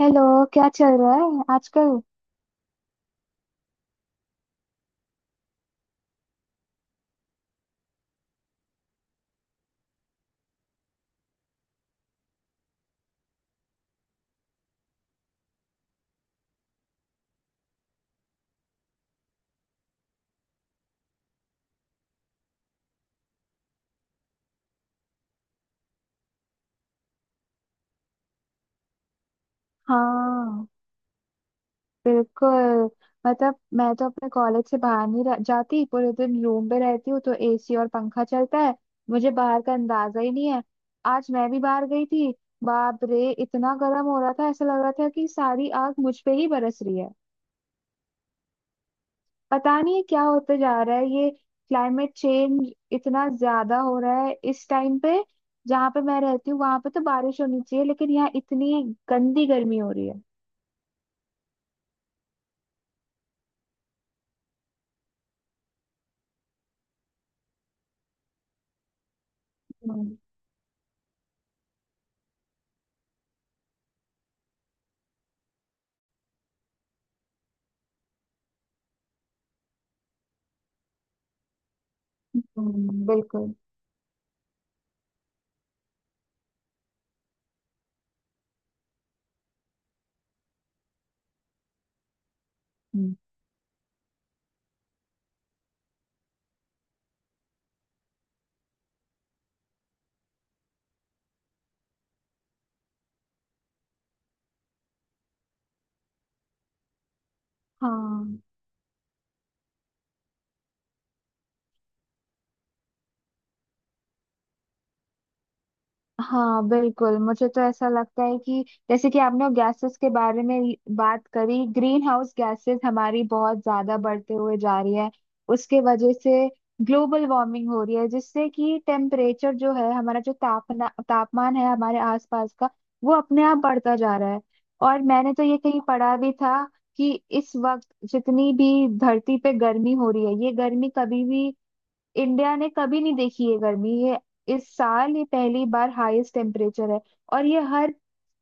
Hello. क्या चल रहा है आजकल? हाँ, बिल्कुल। मतलब मैं तो अपने कॉलेज से बाहर नहीं जाती, पूरे दिन रूम पे रहती हूँ तो एसी और पंखा चलता है। मुझे बाहर का अंदाजा ही नहीं है। आज मैं भी बाहर गई थी। बाप रे, इतना गर्म हो रहा था, ऐसा लग रहा था कि सारी आग मुझ पे ही बरस रही है। पता नहीं क्या होते जा रहा है ये। क्लाइमेट चेंज इतना ज्यादा हो रहा है इस टाइम पे। जहाँ पे मैं रहती हूँ वहां पे तो बारिश होनी चाहिए, लेकिन यहाँ इतनी गंदी गर्मी हो रही है। हम्म। हम्म। बिल्कुल। हम्म। हाँ, हाँ बिल्कुल, मुझे तो ऐसा लगता है कि जैसे कि आपने गैसेस के बारे में ही बात करी, ग्रीन हाउस गैसेस हमारी बहुत ज्यादा बढ़ते हुए जा रही है। उसके वजह से ग्लोबल वार्मिंग हो रही है, जिससे कि टेम्परेचर जो है, हमारा जो तापना तापमान है हमारे आसपास का, वो अपने आप बढ़ता जा रहा है। और मैंने तो ये कहीं पढ़ा भी था कि इस वक्त जितनी भी धरती पे गर्मी हो रही है, ये गर्मी कभी भी इंडिया ने कभी नहीं देखी है। गर्मी ये इस साल ये पहली बार हाईएस्ट टेम्परेचर है। और ये हर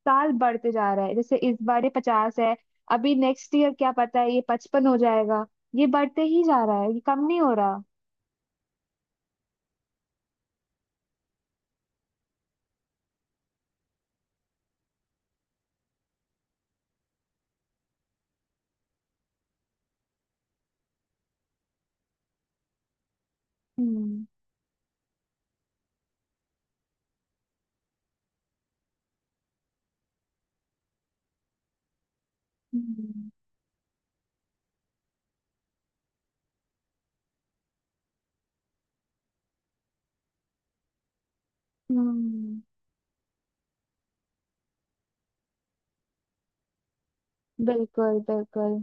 साल बढ़ते जा रहा है, जैसे इस बार ये 50 है। अभी नेक्स्ट ईयर क्या पता है ये 55 हो जाएगा। ये बढ़ते ही जा रहा है, ये कम नहीं हो रहा। हम्म। हम्म। हम्म, बिल्कुल। बिल्कुल।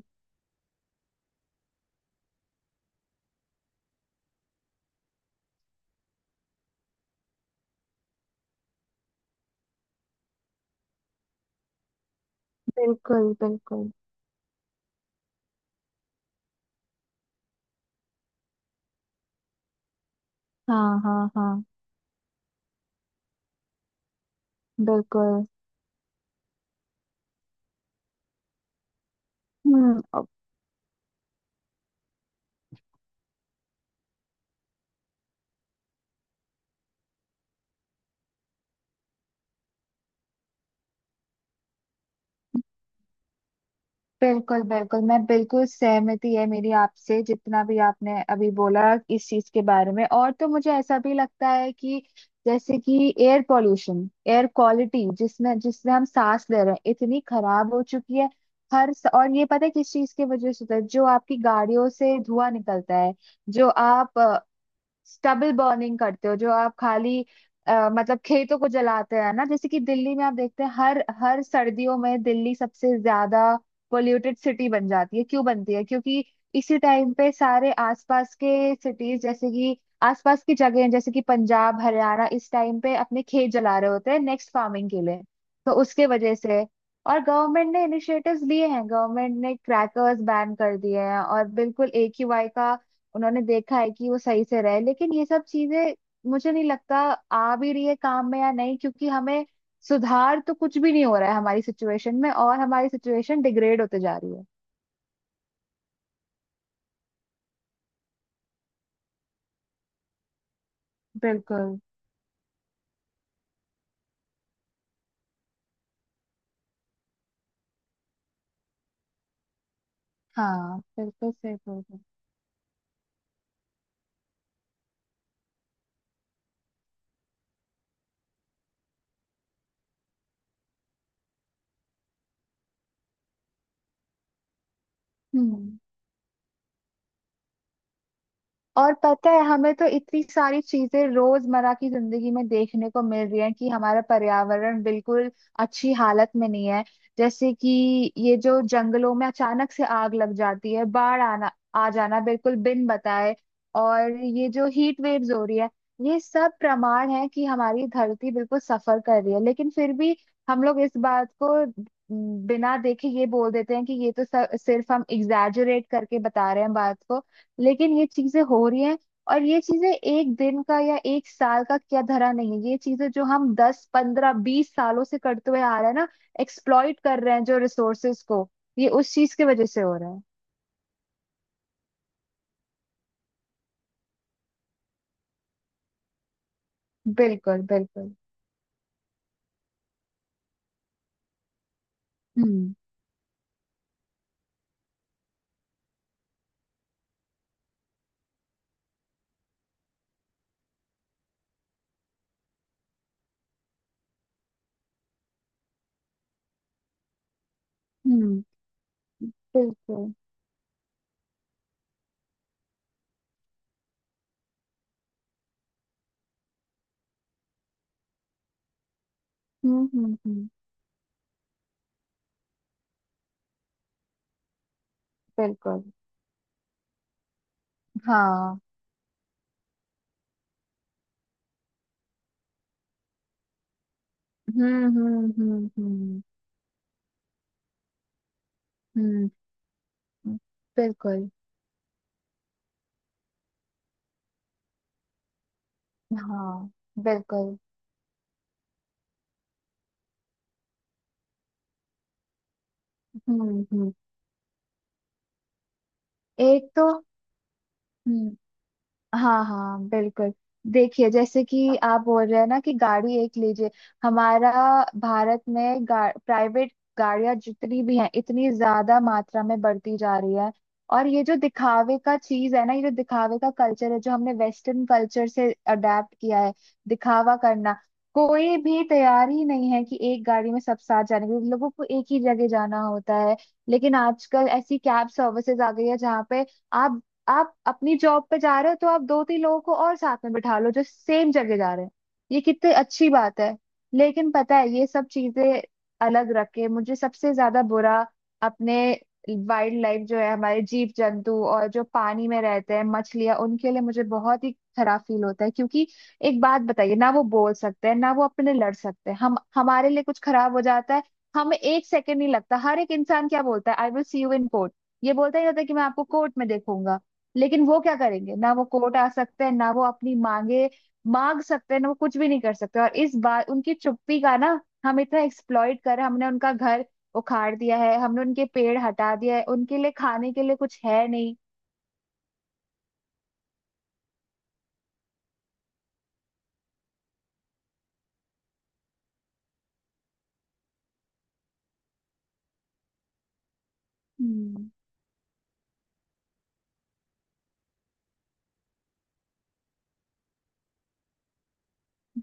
बिल्कुल। बिल्कुल। हाँ, हाँ, हाँ। बिल्कुल। हम्म। बिल्कुल बिल्कुल, मैं बिल्कुल सहमति है मेरी आपसे जितना भी आपने अभी बोला इस चीज के बारे में। और तो मुझे ऐसा भी लगता है कि जैसे कि एयर पॉल्यूशन, एयर क्वालिटी जिसमें जिसमें हम सांस ले रहे हैं इतनी खराब हो चुकी है। और ये पता है किस चीज की वजह से होता है? जो आपकी गाड़ियों से धुआं निकलता है, जो आप स्टबल बर्निंग करते हो, जो आप खाली मतलब खेतों को जलाते हैं ना। जैसे कि दिल्ली में आप देखते हैं हर हर सर्दियों में दिल्ली सबसे ज्यादा पोल्यूटेड सिटी बन जाती है। क्यों बनती है? क्योंकि इसी टाइम पे सारे आसपास के सिटीज जैसे कि आसपास की जगह जैसे कि पंजाब, हरियाणा इस टाइम पे अपने खेत जला रहे होते हैं नेक्स्ट फार्मिंग के लिए। तो उसके वजह से। और गवर्नमेंट ने इनिशिएटिव्स लिए हैं, गवर्नमेंट ने क्रैकर्स बैन कर दिए हैं और बिल्कुल AQI का उन्होंने देखा है कि वो सही से रहे, लेकिन ये सब चीजें मुझे नहीं लगता आ भी रही है काम में या नहीं, क्योंकि हमें सुधार तो कुछ भी नहीं हो रहा है हमारी सिचुएशन में, और हमारी सिचुएशन डिग्रेड होते जा रही है। बिल्कुल। हाँ बिल्कुल सही बोल रहे हो। हम्म। और पता है, हमें तो इतनी सारी चीजें रोजमर्रा की जिंदगी में देखने को मिल रही है कि हमारा पर्यावरण बिल्कुल अच्छी हालत में नहीं है। जैसे कि ये जो जंगलों में अचानक से आग लग जाती है, बाढ़ आना आ जाना बिल्कुल बिन बताए, और ये जो हीट वेव्स हो रही है, ये सब प्रमाण है कि हमारी धरती बिल्कुल सफर कर रही है। लेकिन फिर भी हम लोग इस बात को बिना देखे ये बोल देते हैं कि ये तो सिर्फ हम एग्जैजरेट करके बता रहे हैं बात को। लेकिन ये चीजें हो रही हैं। और ये चीजें एक दिन का या एक साल का क्या धरा नहीं है, ये चीजें जो हम 10-15-20 सालों से करते हुए आ रहे हैं ना, एक्सप्लॉइट कर रहे हैं जो रिसोर्सेज को, ये उस चीज की वजह से हो रहा है। बिल्कुल। बिल्कुल। हम्म। हम्म। बिल्कुल। हम्म। हम्म। हम्म। बिल्कुल। हाँ। हम्म। हम्म। हम्म। हम्म। हम्म। हम्म, बिल्कुल। हाँ, बिल्कुल। हम्म। हम्म। एक तो। हाँ, हाँ बिल्कुल। देखिए जैसे कि आप बोल रहे हैं ना कि गाड़ी एक लीजिए, हमारा भारत में प्राइवेट गाड़ियां जितनी भी हैं इतनी ज्यादा मात्रा में बढ़ती जा रही है। और ये जो दिखावे का चीज है ना, ये जो दिखावे का कल्चर है जो हमने वेस्टर्न कल्चर से अडेप्ट किया है, दिखावा करना। कोई भी तैयार ही नहीं है कि एक गाड़ी में सब साथ जाने के लिए। लोगों को एक ही जगह जाना होता है, लेकिन आजकल ऐसी कैब सर्विसेज आ गई है जहाँ पे आप आप अपनी जॉब पे जा रहे हो तो आप दो तीन लोगों को और साथ में बिठा लो जो सेम जगह जा रहे हैं। ये कितनी अच्छी बात है। लेकिन पता है ये सब चीजें अलग रख के, मुझे सबसे ज्यादा बुरा अपने वाइल्ड लाइफ जो है, हमारे जीव जंतु और जो पानी में रहते हैं मछलियां, उनके लिए मुझे बहुत ही खराब फील होता है, क्योंकि एक बात बताइए ना, वो बोल सकते हैं ना, वो अपने लिए लड़ सकते हैं? हम, हमारे लिए कुछ खराब हो जाता है हमें एक सेकंड नहीं लगता, हर एक इंसान क्या बोलता है? I will see you in court. ये बोलता ही होता है कि मैं आपको कोर्ट में देखूंगा। लेकिन वो क्या करेंगे ना? वो कोर्ट आ सकते हैं ना? वो अपनी मांगे मांग सकते हैं ना? वो कुछ भी नहीं कर सकते। और इस बार उनकी चुप्पी का ना, हम इतना एक्सप्लॉइट कर रहे हैं, हमने उनका घर उखाड़ दिया है, हमने उनके पेड़ हटा दिया है, उनके लिए खाने के लिए कुछ है नहीं। हम्म।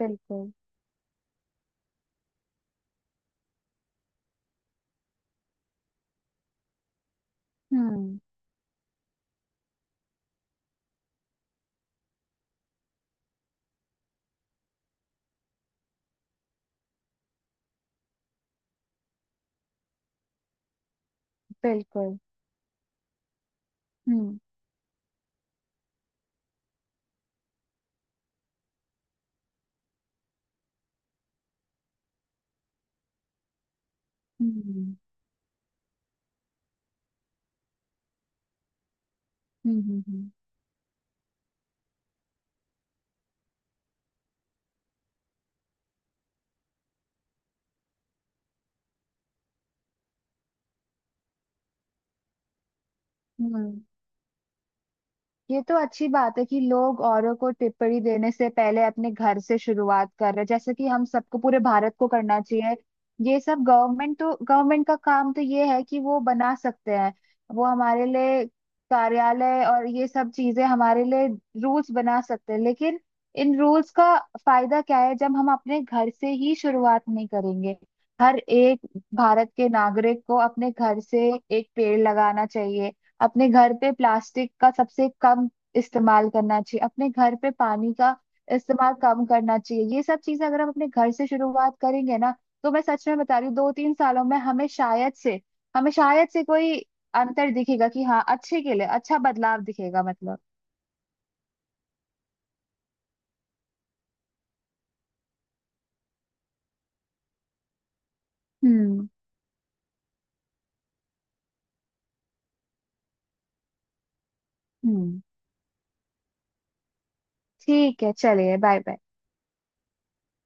बिल्कुल। हम्म। बिल्कुल। हम्म। हम्म। हम्म। हम्म। हम्म। हम्म। ये तो अच्छी बात है कि लोग औरों को टिप्पणी देने से पहले अपने घर से शुरुआत कर रहे हैं, जैसे कि हम सबको, पूरे भारत को करना चाहिए। ये सब गवर्नमेंट तो गवर्नमेंट का काम तो ये है कि वो बना सकते हैं, वो हमारे लिए कार्यालय और ये सब चीजें हमारे लिए रूल्स बना सकते हैं। लेकिन इन रूल्स का फायदा क्या है जब हम अपने घर से ही शुरुआत नहीं करेंगे? हर एक भारत के नागरिक को अपने घर से एक पेड़ लगाना चाहिए, अपने घर पे प्लास्टिक का सबसे कम इस्तेमाल करना चाहिए, अपने घर पे पानी का इस्तेमाल कम करना चाहिए। ये सब चीजें अगर हम अपने घर से शुरुआत करेंगे ना, तो मैं सच में बता रही हूँ 2-3 सालों में हमें शायद से कोई अंतर दिखेगा कि हाँ अच्छे के लिए अच्छा बदलाव दिखेगा, मतलब। हम्म। हम्म। ठीक है, चलिए, बाय बाय।